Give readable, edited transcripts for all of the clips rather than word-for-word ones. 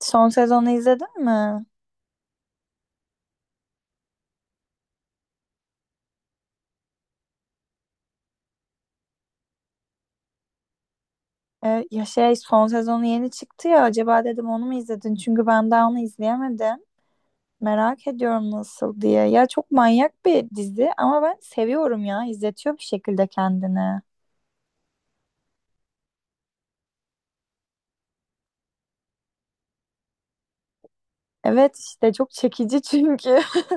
Son sezonu izledin mi? Son sezonu yeni çıktı ya, acaba dedim onu mu izledin? Çünkü ben daha onu izleyemedim. Merak ediyorum nasıl diye. Ya çok manyak bir dizi ama ben seviyorum ya. İzletiyor bir şekilde kendini. Evet, işte çok çekici çünkü.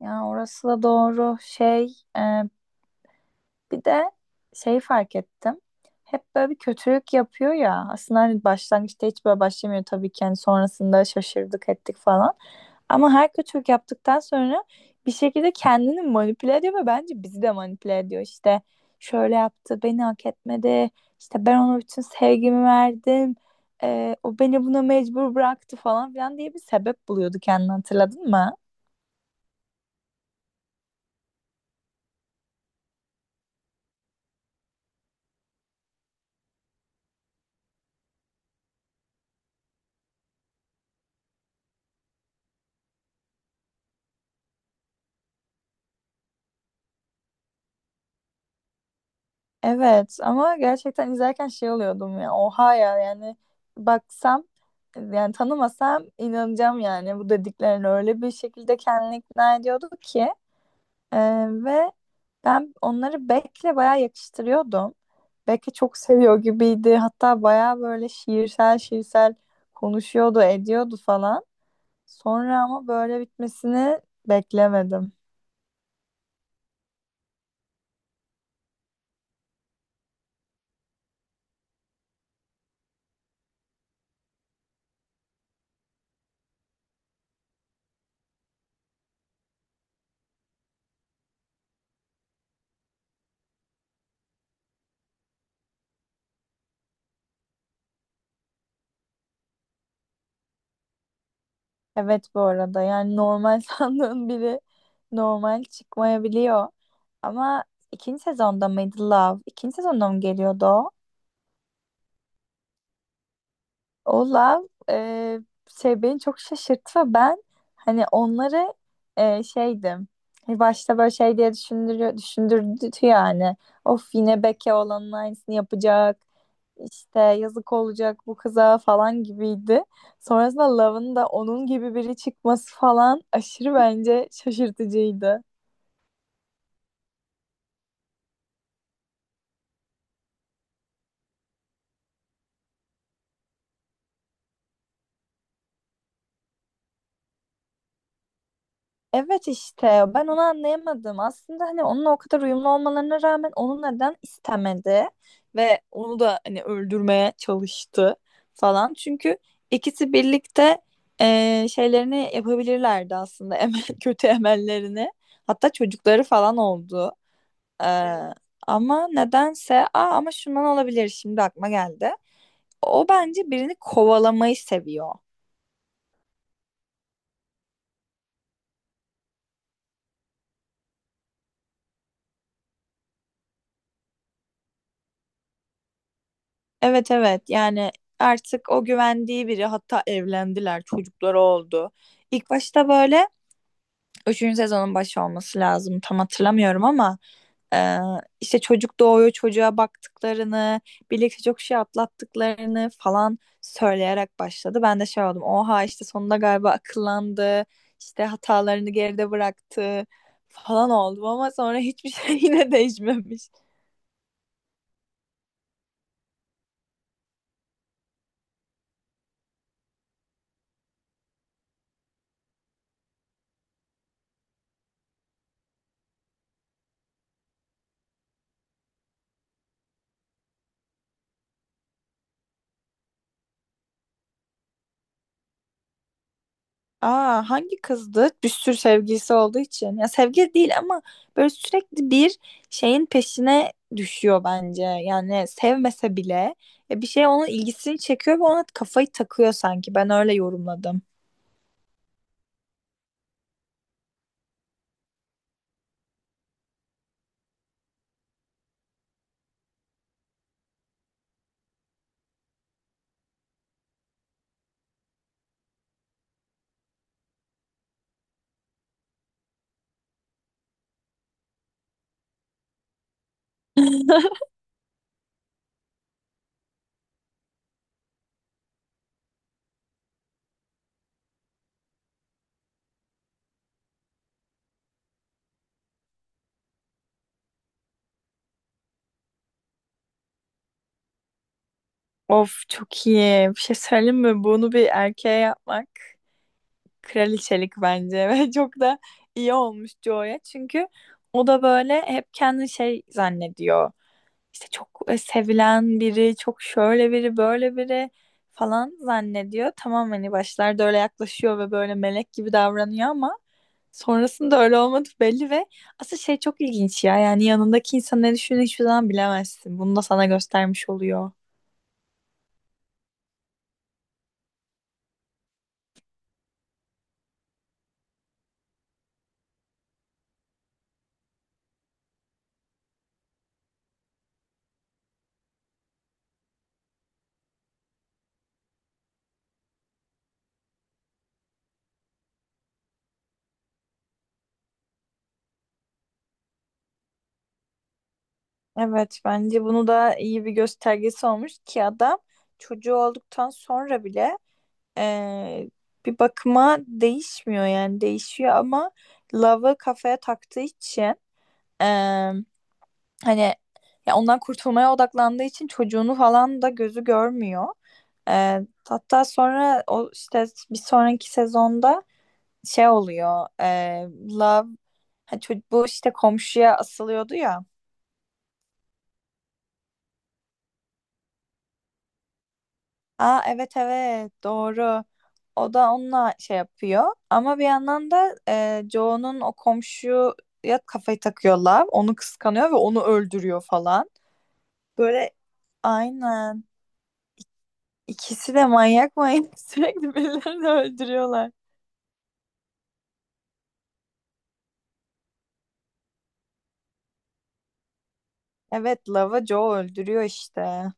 Ya orası da doğru. Bir de fark ettim. Hep böyle bir kötülük yapıyor ya. Aslında hani başlangıçta hiç böyle başlamıyor tabii ki. Hani sonrasında şaşırdık ettik falan. Ama her kötülük yaptıktan sonra bir şekilde kendini manipüle ediyor ve bence bizi de manipüle ediyor. İşte şöyle yaptı, beni hak etmedi. İşte ben ona bütün sevgimi verdim. O beni buna mecbur bıraktı falan filan diye bir sebep buluyordu kendini, hatırladın mı? Evet ama gerçekten izlerken şey oluyordum ya. Oha ya, yani baksam, yani tanımasam inanacağım yani bu dediklerine, öyle bir şekilde kendini ikna ediyordu ki. Ee, ve ben onları Beck'le bayağı yakıştırıyordum. Beck'i çok seviyor gibiydi. Hatta bayağı böyle şiirsel şiirsel konuşuyordu, ediyordu falan. Sonra ama böyle bitmesini beklemedim. Evet, bu arada yani normal sandığın biri normal çıkmayabiliyor. Ama ikinci sezonda mıydı Love? İkinci sezonda mı geliyordu o? Olaf e, şey beni çok şaşırttı ve ben hani onları şeydim. Hani başta böyle şey diye düşündürüyor, düşündürdü yani. Of, yine Beke olanın aynısını yapacak. İşte yazık olacak bu kıza falan gibiydi. Sonrasında Love'ın da onun gibi biri çıkması falan aşırı bence şaşırtıcıydı. Evet işte ben onu anlayamadım. Aslında hani onunla o kadar uyumlu olmalarına rağmen onu neden istemedi ve onu da hani öldürmeye çalıştı falan. Çünkü ikisi birlikte şeylerini yapabilirlerdi aslında, emel, kötü emellerini. Hatta çocukları falan oldu. Eee, Evet. Ama nedense, aa, ama şundan olabilir, şimdi aklıma geldi. O bence birini kovalamayı seviyor. Evet evet, yani artık o güvendiği biri, hatta evlendiler, çocukları oldu. İlk başta böyle, üçüncü sezonun başı olması lazım, tam hatırlamıyorum ama ee, işte çocuk doğuyor, çocuğa baktıklarını, birlikte çok şey atlattıklarını falan söyleyerek başladı. Ben de şey oldum. Oha, işte sonunda galiba akıllandı, işte hatalarını geride bıraktı falan oldum, ama sonra hiçbir şey yine değişmemiş. Aa, hangi kızdı? Bir sürü sevgilisi olduğu için. Ya sevgili değil ama böyle sürekli bir şeyin peşine düşüyor bence. Yani sevmese bile ya bir şey onun ilgisini çekiyor ve ona kafayı takıyor sanki. Ben öyle yorumladım. Of çok iyi. Bir şey söyleyeyim mi? Bunu bir erkeğe yapmak kraliçelik bence, ve çok da iyi olmuş Joe'ya. Çünkü o da böyle hep kendini şey zannediyor, işte çok sevilen biri, çok şöyle biri, böyle biri falan zannediyor. Tamam, hani başlarda öyle yaklaşıyor ve böyle melek gibi davranıyor ama sonrasında öyle olmadı belli ve asıl şey çok ilginç ya. Yani yanındaki insan ne düşündüğünü hiçbir zaman bilemezsin. Bunu da sana göstermiş oluyor. Evet, bence bunu da iyi bir göstergesi olmuş ki adam çocuğu olduktan sonra bile eee, bir bakıma değişmiyor, yani değişiyor ama Love'ı kafaya taktığı için, eee, hani ya ondan kurtulmaya odaklandığı için çocuğunu falan da gözü görmüyor. Ee, Hatta sonra o işte bir sonraki sezonda şey oluyor. Love, ha, bu işte komşuya asılıyordu ya. Aa evet evet, doğru. O da onunla şey yapıyor. Ama bir yandan da Joe'nun o komşuya kafayı takıyor Love. Onu kıskanıyor ve onu öldürüyor falan. Böyle, aynen. İkisi de manyak manyak sürekli birilerini öldürüyorlar. Evet, Lava Joe öldürüyor işte.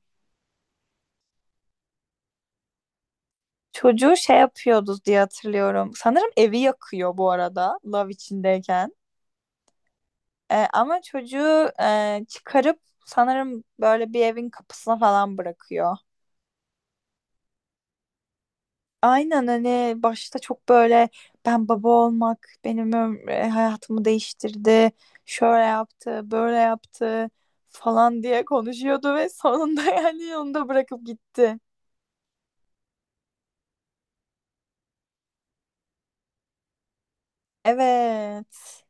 Çocuğu şey yapıyordu diye hatırlıyorum. Sanırım evi yakıyor bu arada, Love içindeyken. Ama çocuğu çıkarıp sanırım böyle bir evin kapısına falan bırakıyor. Aynen, hani başta çok böyle ben baba olmak hayatımı değiştirdi. Şöyle yaptı, böyle yaptı falan diye konuşuyordu ve sonunda yani onu da bırakıp gitti. Evet.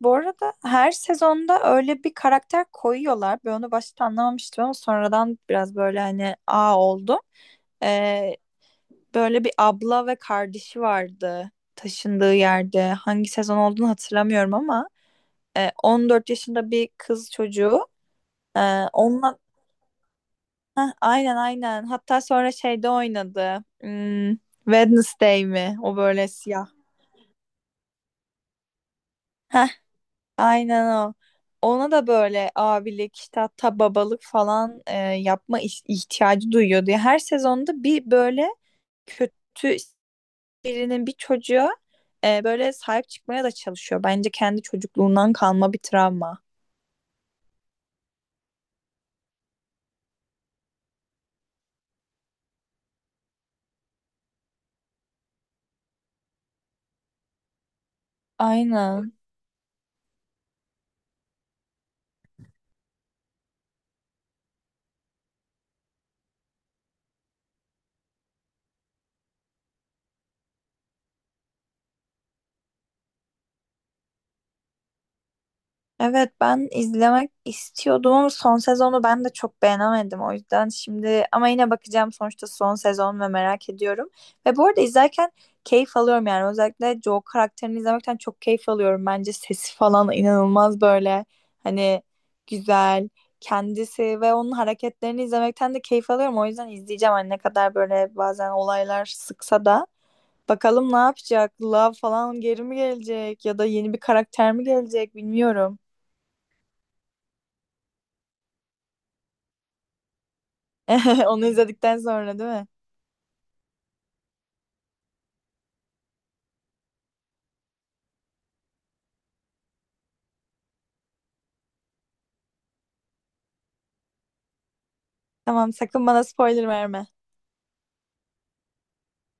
Bu arada her sezonda öyle bir karakter koyuyorlar. Ben onu başta anlamamıştım ama sonradan biraz böyle hani a oldu. Ee, Böyle bir abla ve kardeşi vardı taşındığı yerde. Hangi sezon olduğunu hatırlamıyorum ama 14 yaşında bir kız çocuğu. E, onunla Heh, aynen aynen. Hatta sonra şeyde oynadı. Hmm, Wednesday mi? O böyle siyah. Aynen o. Ona da böyle abilik işte, hatta babalık falan yapma ihtiyacı duyuyordu. Ya her sezonda bir böyle kötü birinin bir çocuğa böyle sahip çıkmaya da çalışıyor. Bence kendi çocukluğundan kalma bir travma. Aynen. Evet, ben izlemek istiyordum ama son sezonu ben de çok beğenemedim, o yüzden şimdi, ama yine bakacağım sonuçta son sezon ve merak ediyorum. Ve bu arada izlerken keyif alıyorum, yani özellikle Joe karakterini izlemekten çok keyif alıyorum. Bence sesi falan inanılmaz, böyle hani güzel kendisi ve onun hareketlerini izlemekten de keyif alıyorum. O yüzden izleyeceğim, hani ne kadar böyle bazen olaylar sıksa da. Bakalım ne yapacak? Love falan geri mi gelecek ya da yeni bir karakter mi gelecek bilmiyorum. Onu izledikten sonra değil mi? Tamam, sakın bana spoiler verme.